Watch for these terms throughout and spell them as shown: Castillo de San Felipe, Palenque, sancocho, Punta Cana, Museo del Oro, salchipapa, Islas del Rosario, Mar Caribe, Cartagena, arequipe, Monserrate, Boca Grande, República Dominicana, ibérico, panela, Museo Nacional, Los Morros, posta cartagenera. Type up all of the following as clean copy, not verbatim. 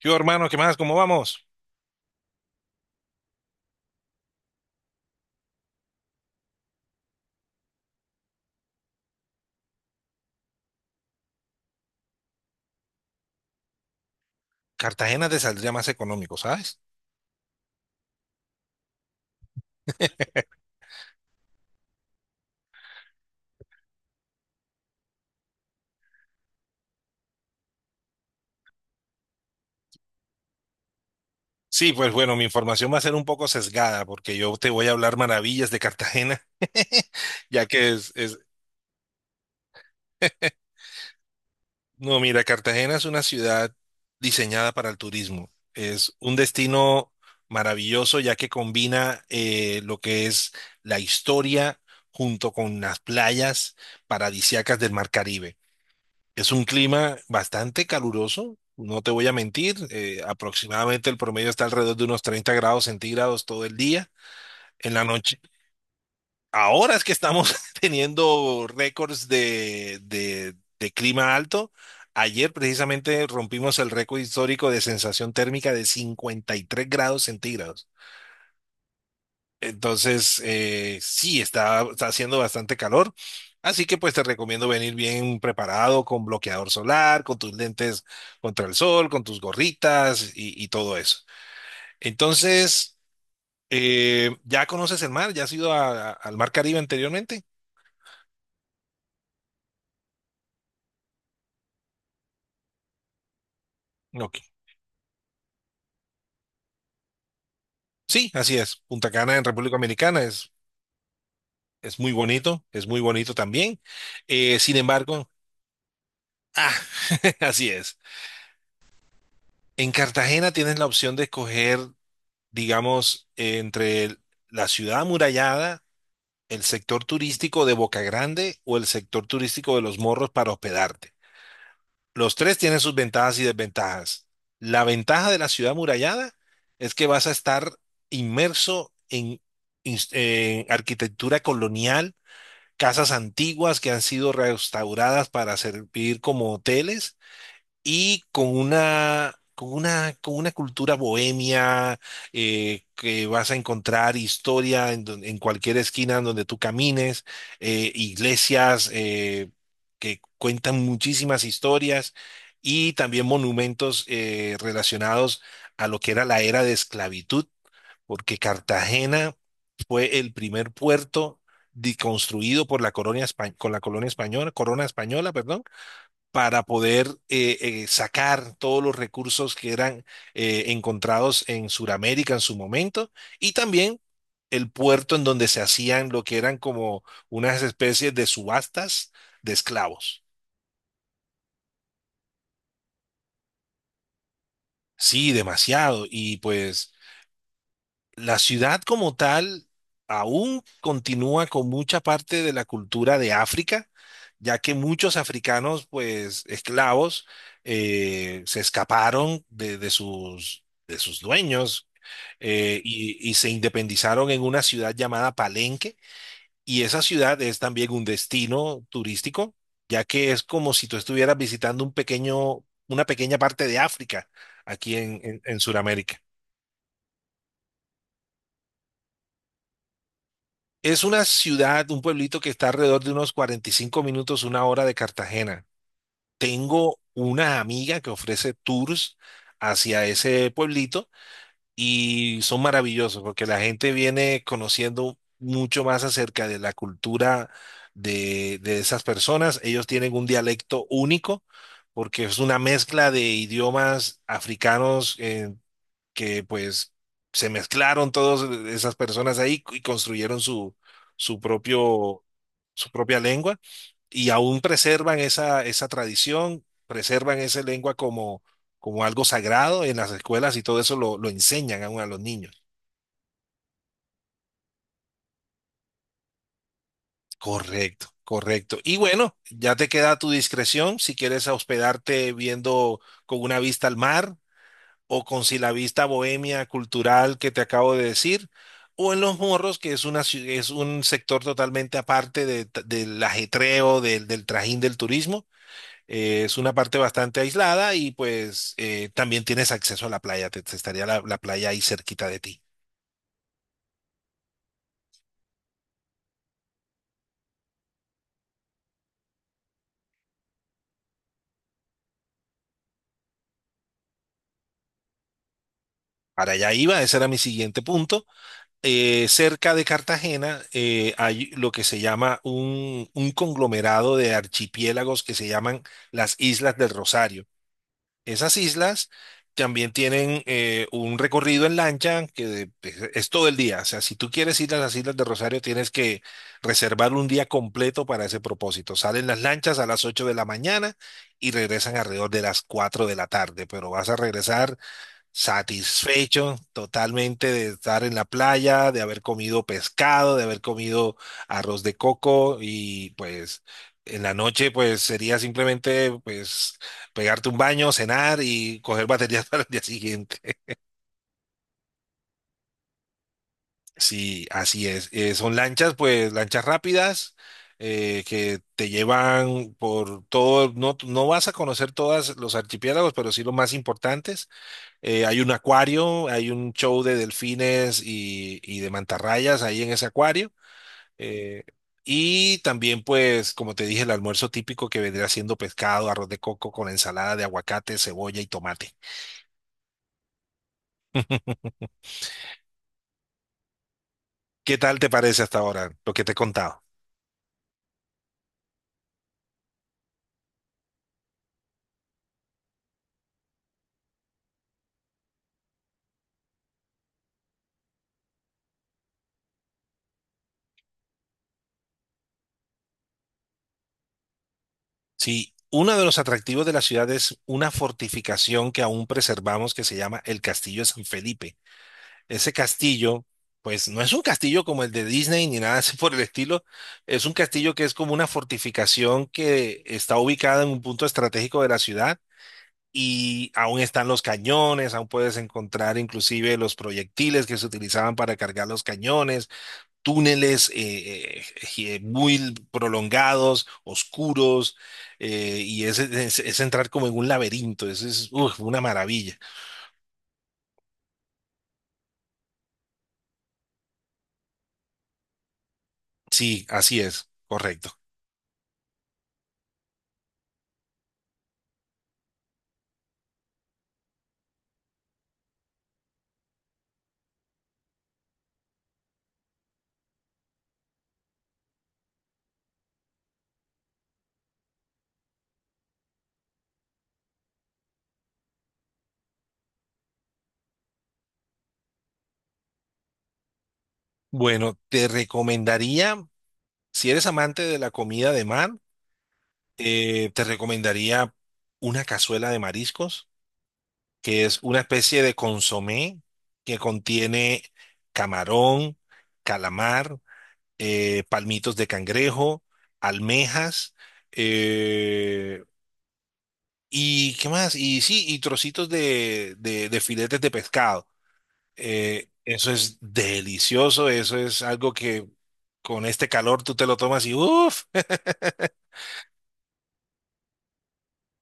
Yo, hermano, ¿qué más? ¿Cómo vamos? Cartagena te saldría más económico, ¿sabes? Sí, pues bueno, mi información va a ser un poco sesgada porque yo te voy a hablar maravillas de Cartagena, ya que es... No, mira, Cartagena es una ciudad diseñada para el turismo. Es un destino maravilloso ya que combina lo que es la historia junto con las playas paradisíacas del Mar Caribe. Es un clima bastante caluroso, no te voy a mentir, aproximadamente el promedio está alrededor de unos 30 grados centígrados todo el día, en la noche. Ahora es que estamos teniendo récords de clima alto. Ayer precisamente rompimos el récord histórico de sensación térmica de 53 grados centígrados. Entonces, sí, está haciendo bastante calor. Así que pues te recomiendo venir bien preparado con bloqueador solar, con tus lentes contra el sol, con tus gorritas y todo eso. Entonces, ¿ya conoces el mar? ¿Ya has ido al mar Caribe anteriormente? Ok. Sí, así es. Punta Cana en República Dominicana es muy bonito también. Sin embargo, ah, así es. En Cartagena tienes la opción de escoger digamos, entre la ciudad amurallada, el sector turístico de Boca Grande o el sector turístico de Los Morros para hospedarte. Los tres tienen sus ventajas y desventajas. La ventaja de la ciudad amurallada es que vas a estar inmerso en, en arquitectura colonial, casas antiguas que han sido restauradas para servir como hoteles y con una cultura bohemia que vas a encontrar historia en, en cualquier esquina en donde tú camines, iglesias que cuentan muchísimas historias y también monumentos relacionados a lo que era la era de esclavitud, porque Cartagena fue el primer puerto construido por la colonia, con la colonia española, corona española, perdón, para poder sacar todos los recursos que eran encontrados en Sudamérica en su momento y también el puerto en donde se hacían lo que eran como unas especies de subastas de esclavos. Sí, demasiado. Y pues la ciudad como tal aún continúa con mucha parte de la cultura de África, ya que muchos africanos, pues esclavos, se escaparon de sus dueños y se independizaron en una ciudad llamada Palenque. Y esa ciudad es también un destino turístico, ya que es como si tú estuvieras visitando una pequeña parte de África aquí en Sudamérica. Es una ciudad, un pueblito que está alrededor de unos 45 minutos, una hora de Cartagena. Tengo una amiga que ofrece tours hacia ese pueblito y son maravillosos porque la gente viene conociendo mucho más acerca de la cultura de esas personas. Ellos tienen un dialecto único porque es una mezcla de idiomas africanos, que pues se mezclaron todas esas personas ahí y construyeron su propio, su propia lengua y aún preservan esa tradición, preservan esa lengua como, como algo sagrado en las escuelas y todo eso lo enseñan aún a los niños. Correcto, correcto. Y bueno, ya te queda a tu discreción si quieres hospedarte viendo con una vista al mar o con si la vista bohemia cultural que te acabo de decir, o en Los Morros, que es un sector totalmente aparte de del ajetreo, del trajín del turismo. Es una parte bastante aislada y pues también tienes acceso a la playa, te estaría la playa ahí cerquita de ti. Para allá iba, ese era mi siguiente punto. Cerca de Cartagena hay lo que se llama un conglomerado de archipiélagos que se llaman las Islas del Rosario. Esas islas también tienen un recorrido en lancha que es todo el día. O sea, si tú quieres ir a las Islas de Rosario, tienes que reservar un día completo para ese propósito. Salen las lanchas a las 8 de la mañana y regresan alrededor de las 4 de la tarde, pero vas a regresar satisfecho totalmente de estar en la playa, de haber comido pescado, de haber comido arroz de coco y pues en la noche pues sería simplemente pues pegarte un baño, cenar y coger baterías para el día siguiente. Sí, así es. Son lanchas rápidas que te llevan por todo, no, no vas a conocer todos los archipiélagos, pero sí los más importantes. Hay un acuario, hay un show de delfines y de mantarrayas ahí en ese acuario. Eh, y también, pues, como te dije, el almuerzo típico que vendría siendo pescado, arroz de coco con ensalada de aguacate, cebolla y tomate. ¿Qué tal te parece hasta ahora lo que te he contado? Sí, uno de los atractivos de la ciudad es una fortificación que aún preservamos que se llama el Castillo de San Felipe. Ese castillo, pues no es un castillo como el de Disney ni nada así por el estilo, es un castillo que es como una fortificación que está ubicada en un punto estratégico de la ciudad y aún están los cañones, aún puedes encontrar inclusive los proyectiles que se utilizaban para cargar los cañones, túneles muy prolongados, oscuros, es entrar como en un laberinto, es uf, una maravilla. Sí, así es, correcto. Bueno, te recomendaría, si eres amante de la comida de mar, te recomendaría una cazuela de mariscos, que es una especie de consomé que contiene camarón, calamar, palmitos de cangrejo, almejas, eh, y qué más, y sí, y trocitos de filetes de pescado. Eso es delicioso, eso es algo que con este calor tú te lo tomas y uff.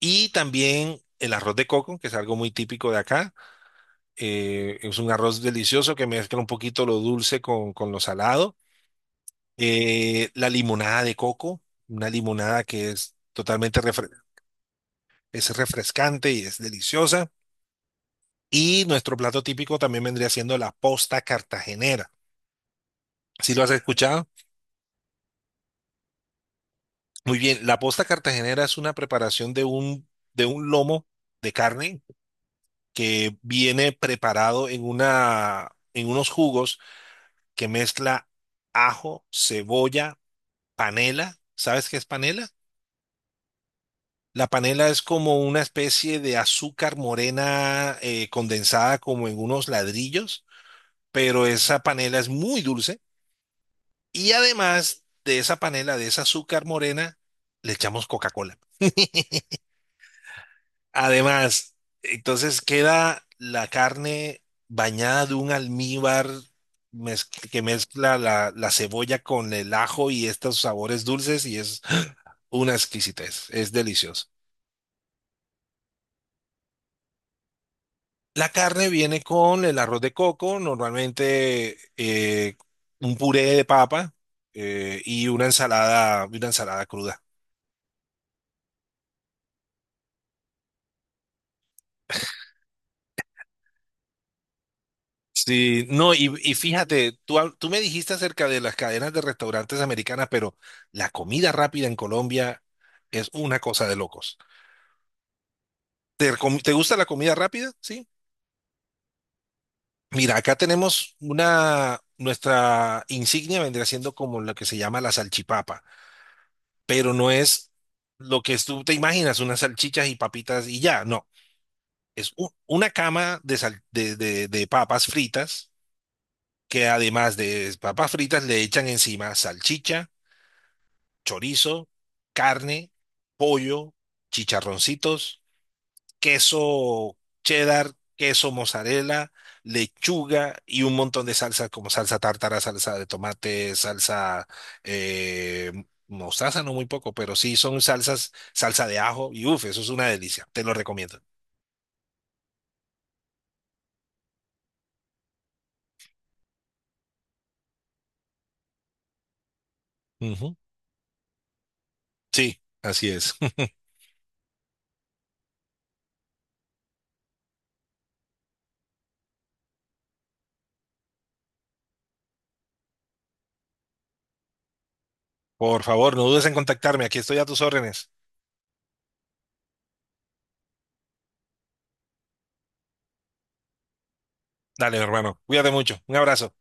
Y también el arroz de coco, que es algo muy típico de acá. Es un arroz delicioso que mezcla un poquito lo dulce con lo salado. La limonada de coco, una limonada que es totalmente es refrescante y es deliciosa. Y nuestro plato típico también vendría siendo la posta cartagenera. ¿Sí lo has escuchado? Muy bien, la posta cartagenera es una preparación de un lomo de carne que viene preparado en unos jugos que mezcla ajo, cebolla, panela. ¿Sabes qué es panela? La panela es como una especie de azúcar morena condensada como en unos ladrillos, pero esa panela es muy dulce y además de esa panela, de esa azúcar morena, le echamos Coca-Cola. Además, entonces queda la carne bañada de un almíbar que mezcla la cebolla con el ajo y estos sabores dulces y es una exquisitez, es delicioso. La carne viene con el arroz de coco, normalmente un puré de papa y una ensalada cruda. Sí, no, y fíjate, tú me dijiste acerca de las cadenas de restaurantes americanas, pero la comida rápida en Colombia es una cosa de locos. ¿Te, te gusta la comida rápida? Sí. Mira, acá tenemos una, nuestra insignia vendría siendo como lo que se llama la salchipapa, pero no es lo que tú te imaginas, unas salchichas y papitas y ya, no. Es una cama de papas fritas que además de papas fritas le echan encima salchicha, chorizo, carne, pollo, chicharroncitos, queso cheddar, queso mozzarella, lechuga y un montón de salsas como salsa tártara, salsa de tomate, salsa eh, mostaza, no muy poco, pero sí son salsas, salsa de ajo y uff, eso es una delicia, te lo recomiendo. Ujú. Sí, así es. Por favor, no dudes en contactarme, aquí estoy a tus órdenes. Dale, hermano, cuídate mucho, un abrazo.